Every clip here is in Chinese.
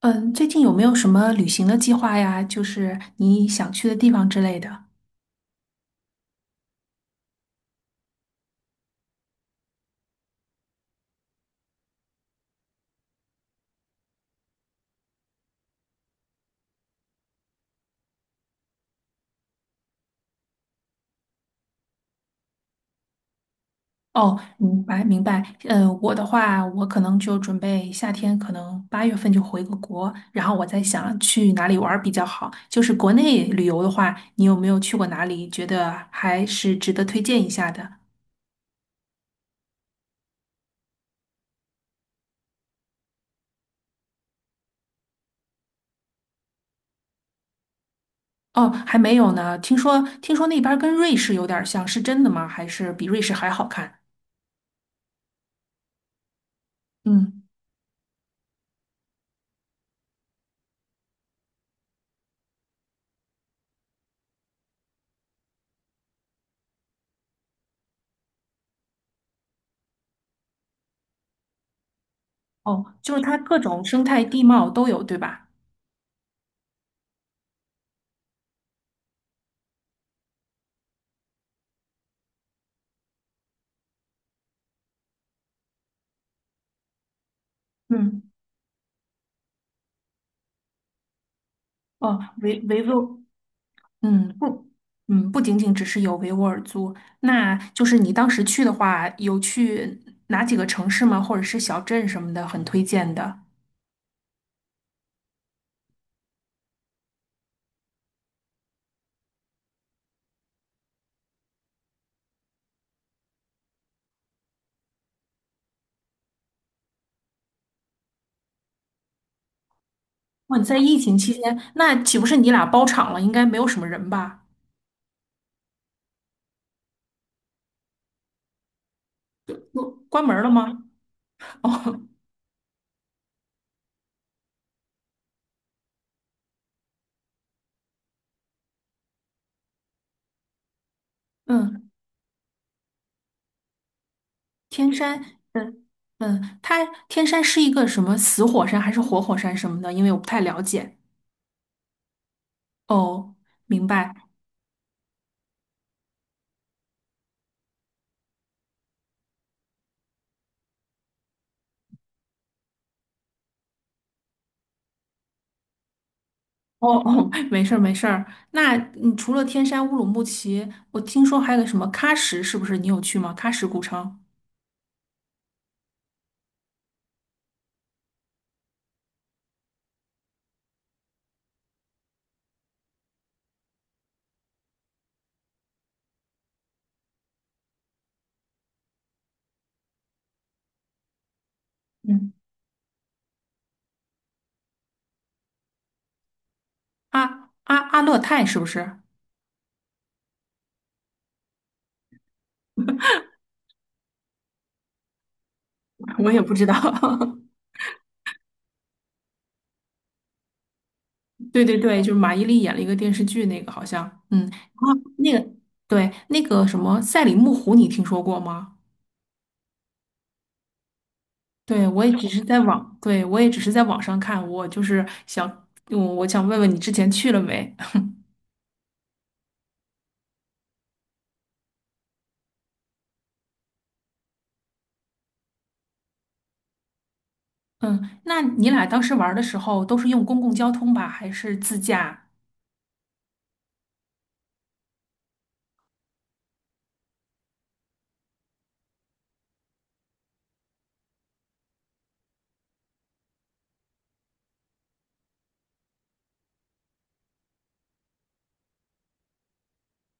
嗯，最近有没有什么旅行的计划呀？就是你想去的地方之类的。哦，明白明白。嗯，我的话，我可能就准备夏天，可能八月份就回个国，然后我在想去哪里玩儿比较好。就是国内旅游的话，你有没有去过哪里？觉得还是值得推荐一下的？哦，还没有呢。听说那边儿跟瑞士有点儿像，是真的吗？还是比瑞士还好看？嗯。哦，就是它各种生态地貌都有，对吧？嗯。哦，维维吾，嗯，不，嗯，不仅仅只是有维吾尔族。那就是你当时去的话，有去哪几个城市吗？或者是小镇什么的，很推荐的。哇，你在疫情期间，那岂不是你俩包场了？应该没有什么人吧？关门了吗？嗯，天山。嗯嗯，它天山是一个什么死火山还是活火山什么的？因为我不太了解。哦，明白。哦哦，没事儿没事儿。那你除了天山乌鲁木齐，我听说还有个什么喀什，是不是你有去吗？喀什古城。嗯，阿阿阿勒泰是不是？我也不知道。对对对，就是马伊琍演了一个电视剧，那个好像，嗯，然后那个对那个什么赛里木湖，你听说过吗？对，我也只是在网，对我也只是在网上看，我就是想，我想问问你之前去了没？嗯，那你俩当时玩儿的时候都是用公共交通吧，还是自驾？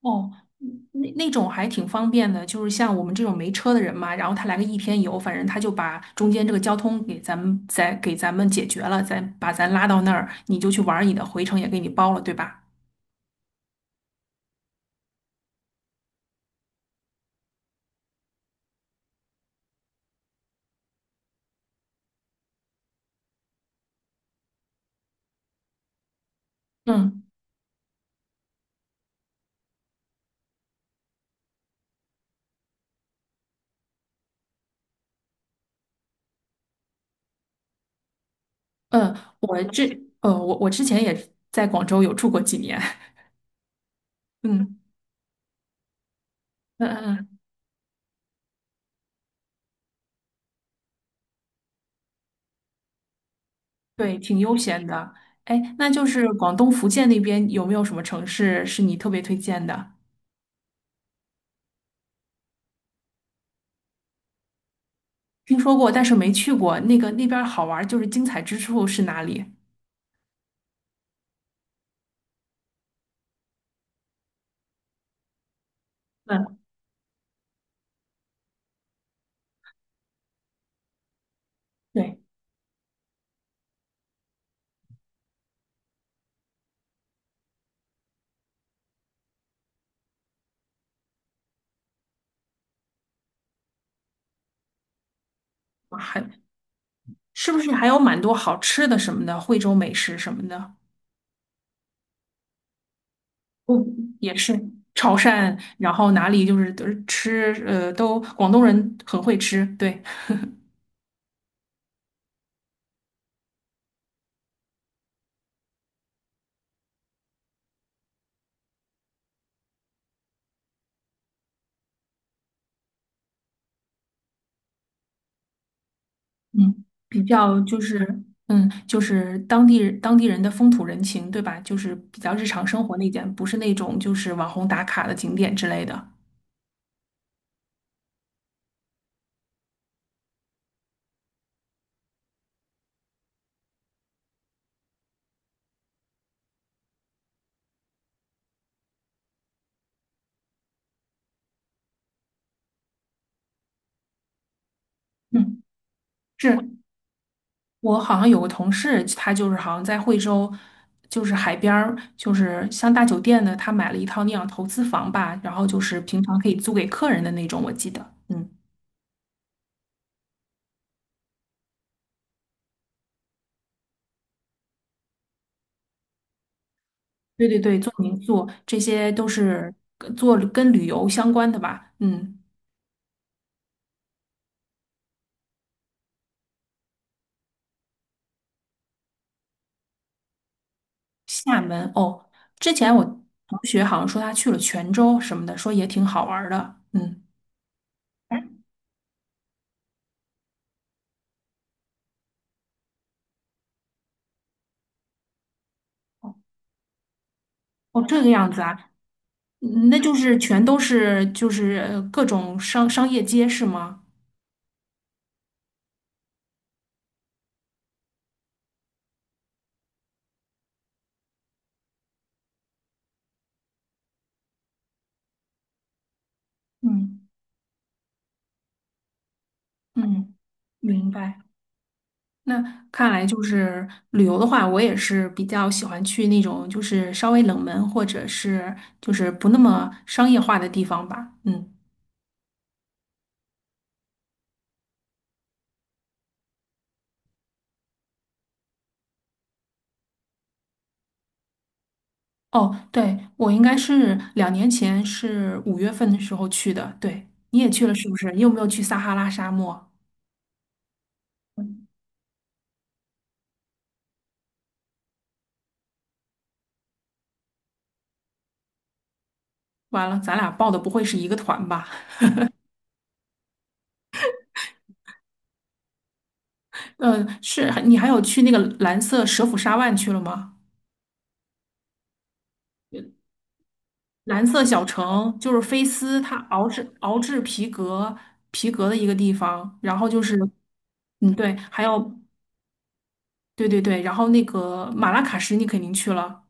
哦，嗯那种还挺方便的，就是像我们这种没车的人嘛，然后他来个一天游，反正他就把中间这个交通给咱们再给咱们解决了，再把咱拉到那儿，你就去玩儿你的，回程也给你包了，对吧？嗯嗯，我这我之前也在广州有住过几年。嗯嗯嗯，对，挺悠闲的。哎，那就是广东福建那边有没有什么城市是你特别推荐的？听说过，但是没去过，那个那边儿好玩儿就是精彩之处是哪里？嗯对，还是不是还有蛮多好吃的什么的，惠州美食什么的？嗯，也是潮汕，然后哪里就是都是吃，都广东人很会吃。对，嗯，比较就是，嗯，就是当地人的风土人情，对吧？就是比较日常生活那点，不是那种就是网红打卡的景点之类的。嗯，是，我好像有个同事，他就是好像在惠州，就是海边儿，就是像大酒店的，他买了一套那样投资房吧，然后就是平常可以租给客人的那种，我记得。嗯，对对对，做民宿这些都是跟做跟旅游相关的吧。嗯，厦门哦，之前我同学好像说他去了泉州什么的，说也挺好玩儿的。嗯，哦，这个样子啊，嗯那就是全都是就是各种商业街是吗？嗯嗯。明白。那看来就是旅游的话，我也是比较喜欢去那种就是稍微冷门或者是就是不那么商业化的地方吧。嗯，哦，对，我应该是两年前是五月份的时候去的。对，你也去了是不是？你有没有去撒哈拉沙漠？完了，咱俩报的不会是一个团吧？是，你还有去那个蓝色蛇腹沙湾去了吗？蓝色小城就是菲斯，它熬制皮革的一个地方。然后就是，嗯，对，还有对对对，然后那个马拉喀什你肯定去了，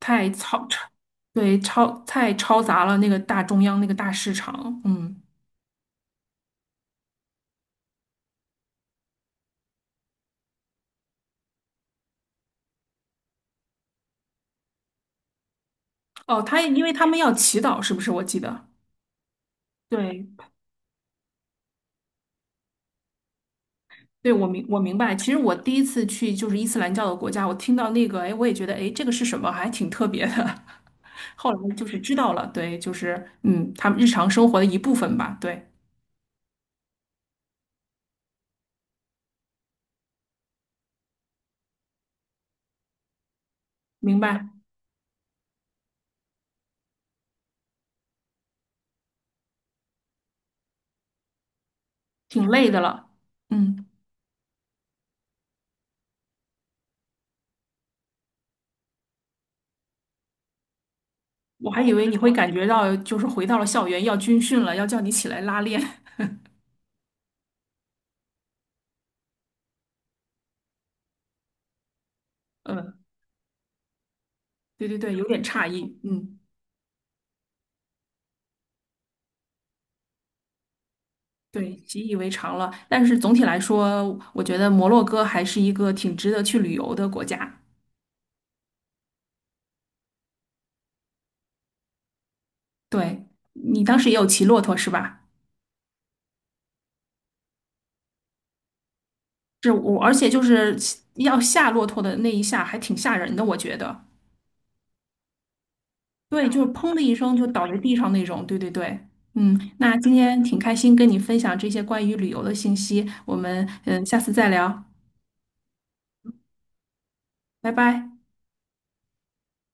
太嘈吵。对，超太嘈杂了，那个大中央那个大市场。嗯，哦，他因为他们要祈祷，是不是？我记得。对对，我明白。其实我第一次去就是伊斯兰教的国家，我听到那个，哎，我也觉得，哎，这个是什么？还挺特别的。后来就是知道了，对，就是嗯，他们日常生活的一部分吧。对，明白，挺累的了。嗯，我还以为你会感觉到就是回到了校园要军训了，要叫你起来拉练。嗯，对对对，有点诧异。嗯，对，习以为常了，但是总体来说，我觉得摩洛哥还是一个挺值得去旅游的国家。对，你当时也有骑骆驼是吧？是，我，而且就是要下骆驼的那一下还挺吓人的，我觉得。对，就是砰的一声就倒在地上那种。对对对，嗯，那今天挺开心跟你分享这些关于旅游的信息，我们下次再聊，拜拜。